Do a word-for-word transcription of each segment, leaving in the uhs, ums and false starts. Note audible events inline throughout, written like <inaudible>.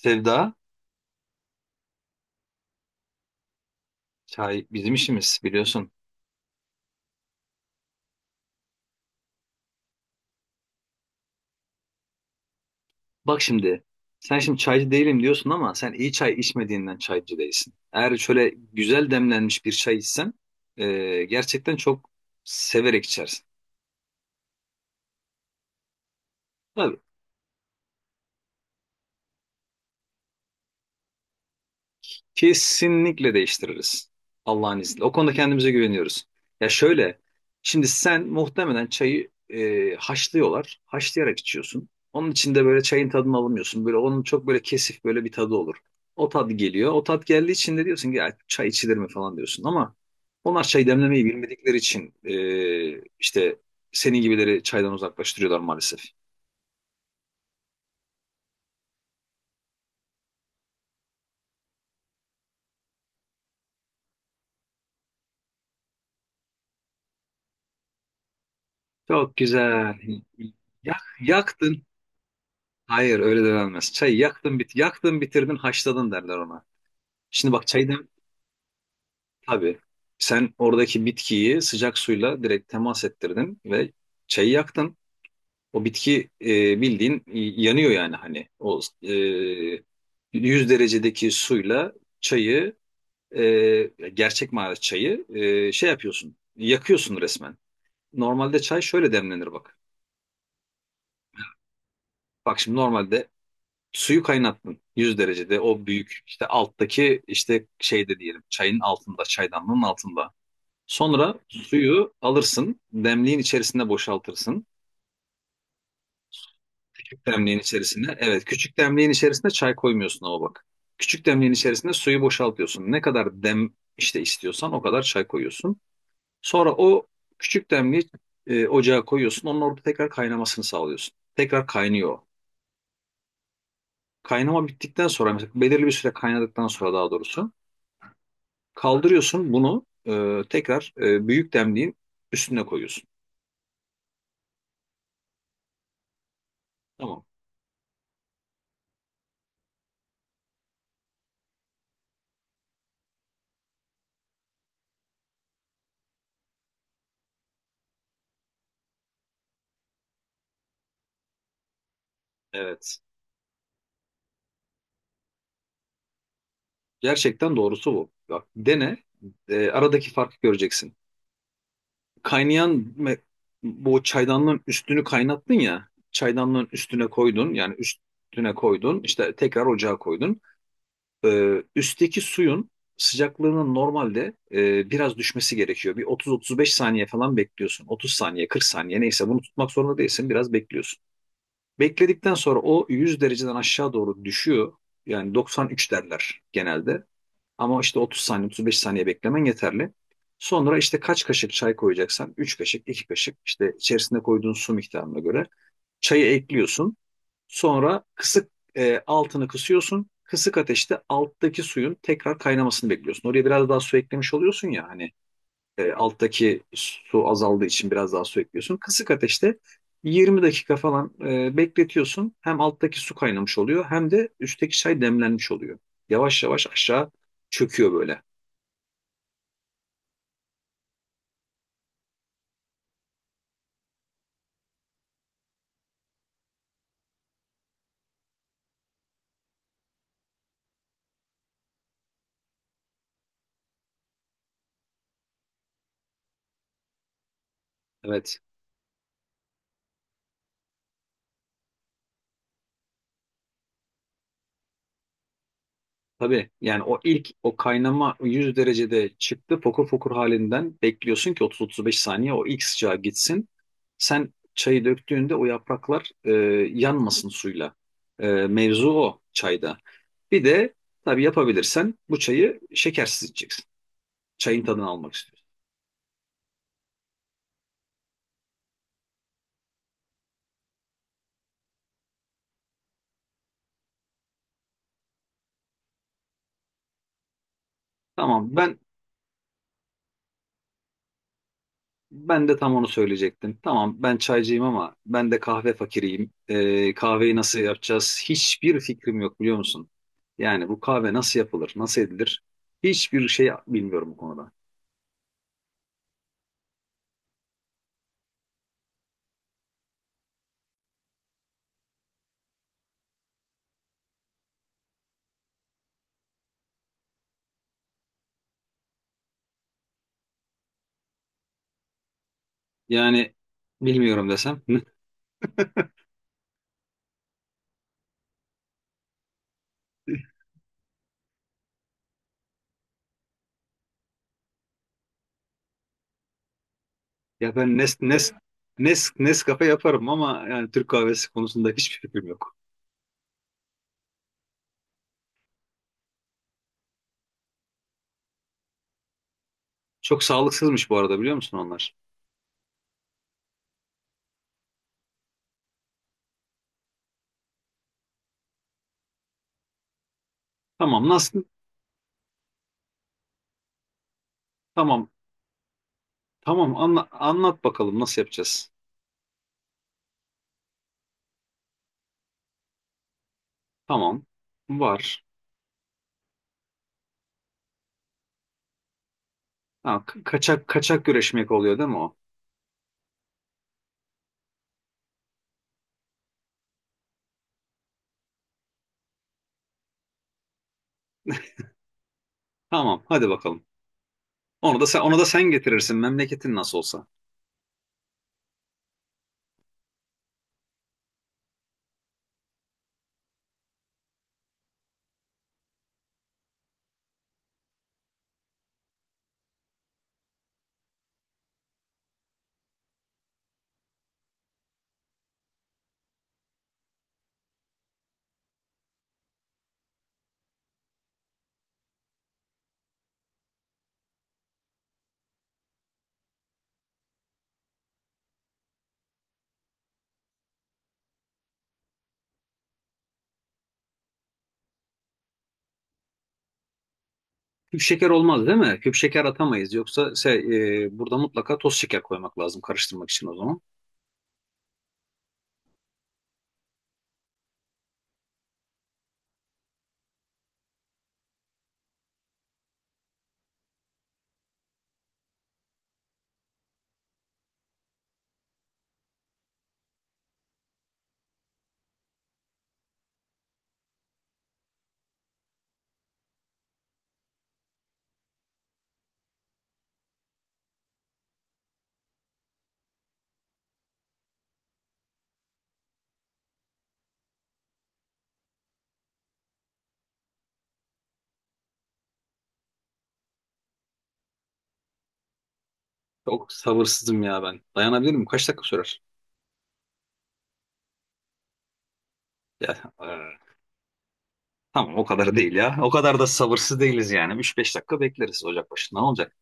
Sevda, çay bizim işimiz biliyorsun. Bak şimdi, sen şimdi çaycı değilim diyorsun ama sen iyi çay içmediğinden çaycı değilsin. Eğer şöyle güzel demlenmiş bir çay içsen, e, gerçekten çok severek içersin. Tabii, Kesinlikle değiştiririz. Allah'ın izniyle. O konuda kendimize güveniyoruz. Ya şöyle, şimdi sen muhtemelen çayı e, haşlıyorlar. Haşlayarak içiyorsun. Onun içinde böyle çayın tadını alamıyorsun. Böyle onun çok böyle kesif böyle bir tadı olur. O tat geliyor. O tat geldiği için de diyorsun ki ya çay içilir mi falan diyorsun. Ama onlar çay demlemeyi bilmedikleri için e, işte senin gibileri çaydan uzaklaştırıyorlar maalesef. Çok güzel. Yak, yaktın. Hayır öyle denilmez. Çayı yaktın bit yaktın bitirdin haşladın derler ona. Şimdi bak çaydan tabii sen oradaki bitkiyi sıcak suyla direkt temas ettirdin ve çayı yaktın. O bitki e, bildiğin yanıyor yani hani o e, yüz derecedeki suyla çayı e, gerçek manada çayı e, şey yapıyorsun yakıyorsun resmen. Normalde çay şöyle demlenir bak. Bak şimdi normalde Suyu kaynattın yüz derecede o büyük işte alttaki işte şeyde diyelim çayın altında çaydanlığın altında. Sonra suyu alırsın demliğin içerisine boşaltırsın. Küçük demliğin içerisine evet küçük demliğin içerisine çay koymuyorsun ama bak. Küçük demliğin içerisine suyu boşaltıyorsun. Ne kadar dem işte istiyorsan o kadar çay koyuyorsun. Sonra o küçük demliği e, ocağa koyuyorsun. Onun orada tekrar kaynamasını sağlıyorsun. Tekrar kaynıyor. Kaynama bittikten sonra mesela belirli bir süre kaynadıktan sonra daha doğrusu Kaldırıyorsun bunu e, tekrar e, büyük demliğin üstüne koyuyorsun. Tamam. Evet. Gerçekten doğrusu bu. Bak dene. E, aradaki farkı göreceksin. Kaynayan me- Bu çaydanlığın üstünü kaynattın ya. Çaydanlığın üstüne koydun. Yani üstüne koydun. İşte tekrar ocağa koydun. E, üstteki suyun sıcaklığının normalde e, biraz düşmesi gerekiyor. Bir otuz otuz beş saniye falan bekliyorsun. otuz saniye, kırk saniye neyse bunu tutmak zorunda değilsin. Biraz bekliyorsun. Bekledikten sonra o yüz dereceden aşağı doğru düşüyor. Yani doksan üç derler genelde. Ama işte otuz saniye, otuz beş saniye beklemen yeterli. Sonra işte kaç kaşık çay koyacaksan üç kaşık, iki kaşık işte içerisine koyduğun su miktarına göre çayı ekliyorsun. Sonra kısık e, altını kısıyorsun. Kısık ateşte alttaki suyun tekrar kaynamasını bekliyorsun. Oraya biraz daha su eklemiş oluyorsun ya hani e, alttaki su azaldığı için biraz daha su ekliyorsun. Kısık ateşte yirmi dakika falan e, bekletiyorsun. Hem alttaki su kaynamış oluyor hem de üstteki çay demlenmiş oluyor. Yavaş yavaş aşağı çöküyor böyle. Evet. Tabii yani o ilk o kaynama yüz derecede çıktı fokur fokur halinden bekliyorsun ki otuz otuz beş saniye o ilk sıcağı gitsin. Sen çayı döktüğünde o yapraklar e, yanmasın suyla. E, mevzu o çayda. Bir de tabii yapabilirsen bu çayı şekersiz içeceksin. Çayın tadını almak istiyorsun. Tamam ben Ben de tam onu söyleyecektim. Tamam ben çaycıyım ama ben de kahve fakiriyim. Ee, kahveyi nasıl yapacağız? Hiçbir fikrim yok biliyor musun? Yani bu kahve nasıl yapılır, nasıl edilir? Hiçbir şey bilmiyorum bu konuda. Yani bilmiyorum desem. <laughs> Ya ben Nes, Nes, Nes, Nescafe yaparım ama yani Türk kahvesi konusunda hiçbir fikrim yok. Çok sağlıksızmış bu arada biliyor musun onlar? Tamam nasıl? Tamam. Tamam anla- anlat bakalım nasıl yapacağız? Tamam. Var. Ha, ka- kaçak kaçak güreşmek oluyor değil mi o? Tamam, hadi bakalım. Onu da sen onu da sen getirirsin memleketin nasıl olsa. Küp şeker olmaz değil mi? Küp şeker atamayız. Yoksa se- e, burada mutlaka toz şeker koymak lazım karıştırmak için o zaman. Çok sabırsızım ya ben. Dayanabilir miyim? Kaç dakika sürer? Ya, e, tamam o kadar değil ya. O kadar da sabırsız değiliz yani. Üç beş dakika bekleriz ocak başında. Ne olacak?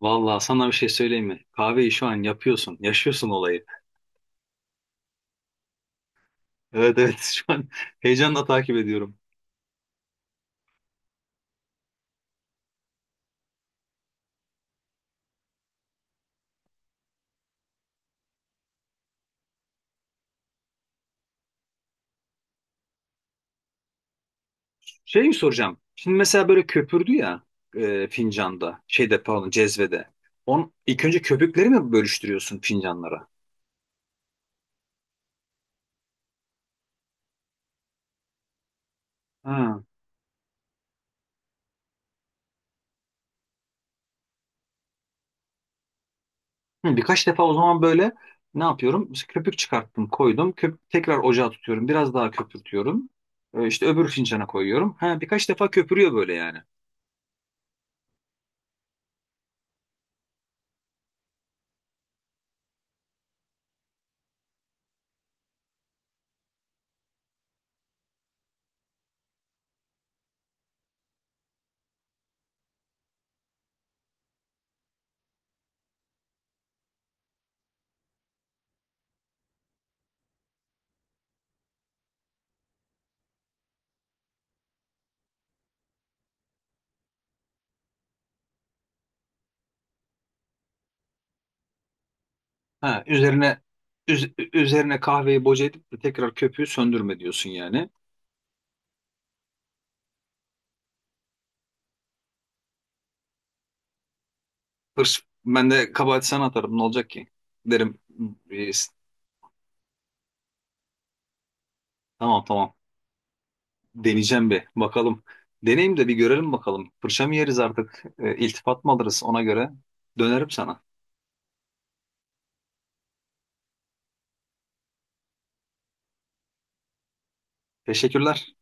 Vallahi sana bir şey söyleyeyim mi? Kahveyi şu an yapıyorsun. Yaşıyorsun olayı. Evet evet <laughs> şu an heyecanla takip ediyorum. Şey soracağım. Şimdi mesela böyle köpürdü ya e, fincanda, şeyde pardon cezvede. On, ilk önce köpükleri mi bölüştürüyorsun fincanlara? Ha. Hı, birkaç defa o zaman böyle ne yapıyorum? İşte köpük çıkarttım, koydum. Köp tekrar ocağa tutuyorum. Biraz daha köpürtüyorum. E, işte öbür fincana koyuyorum. Ha, birkaç defa köpürüyor böyle yani. Ha, üzerine üz- üzerine kahveyi boca edip de tekrar köpüğü söndürme diyorsun yani. Hırs, Ben de kabahati sana atarım. Ne olacak ki? Derim. e, s- Tamam tamam. Deneyeceğim bir bakalım. Deneyim de bir görelim bakalım. Fırça mı yeriz artık? E, iltifat mı alırız ona göre? Dönerim sana. Teşekkürler.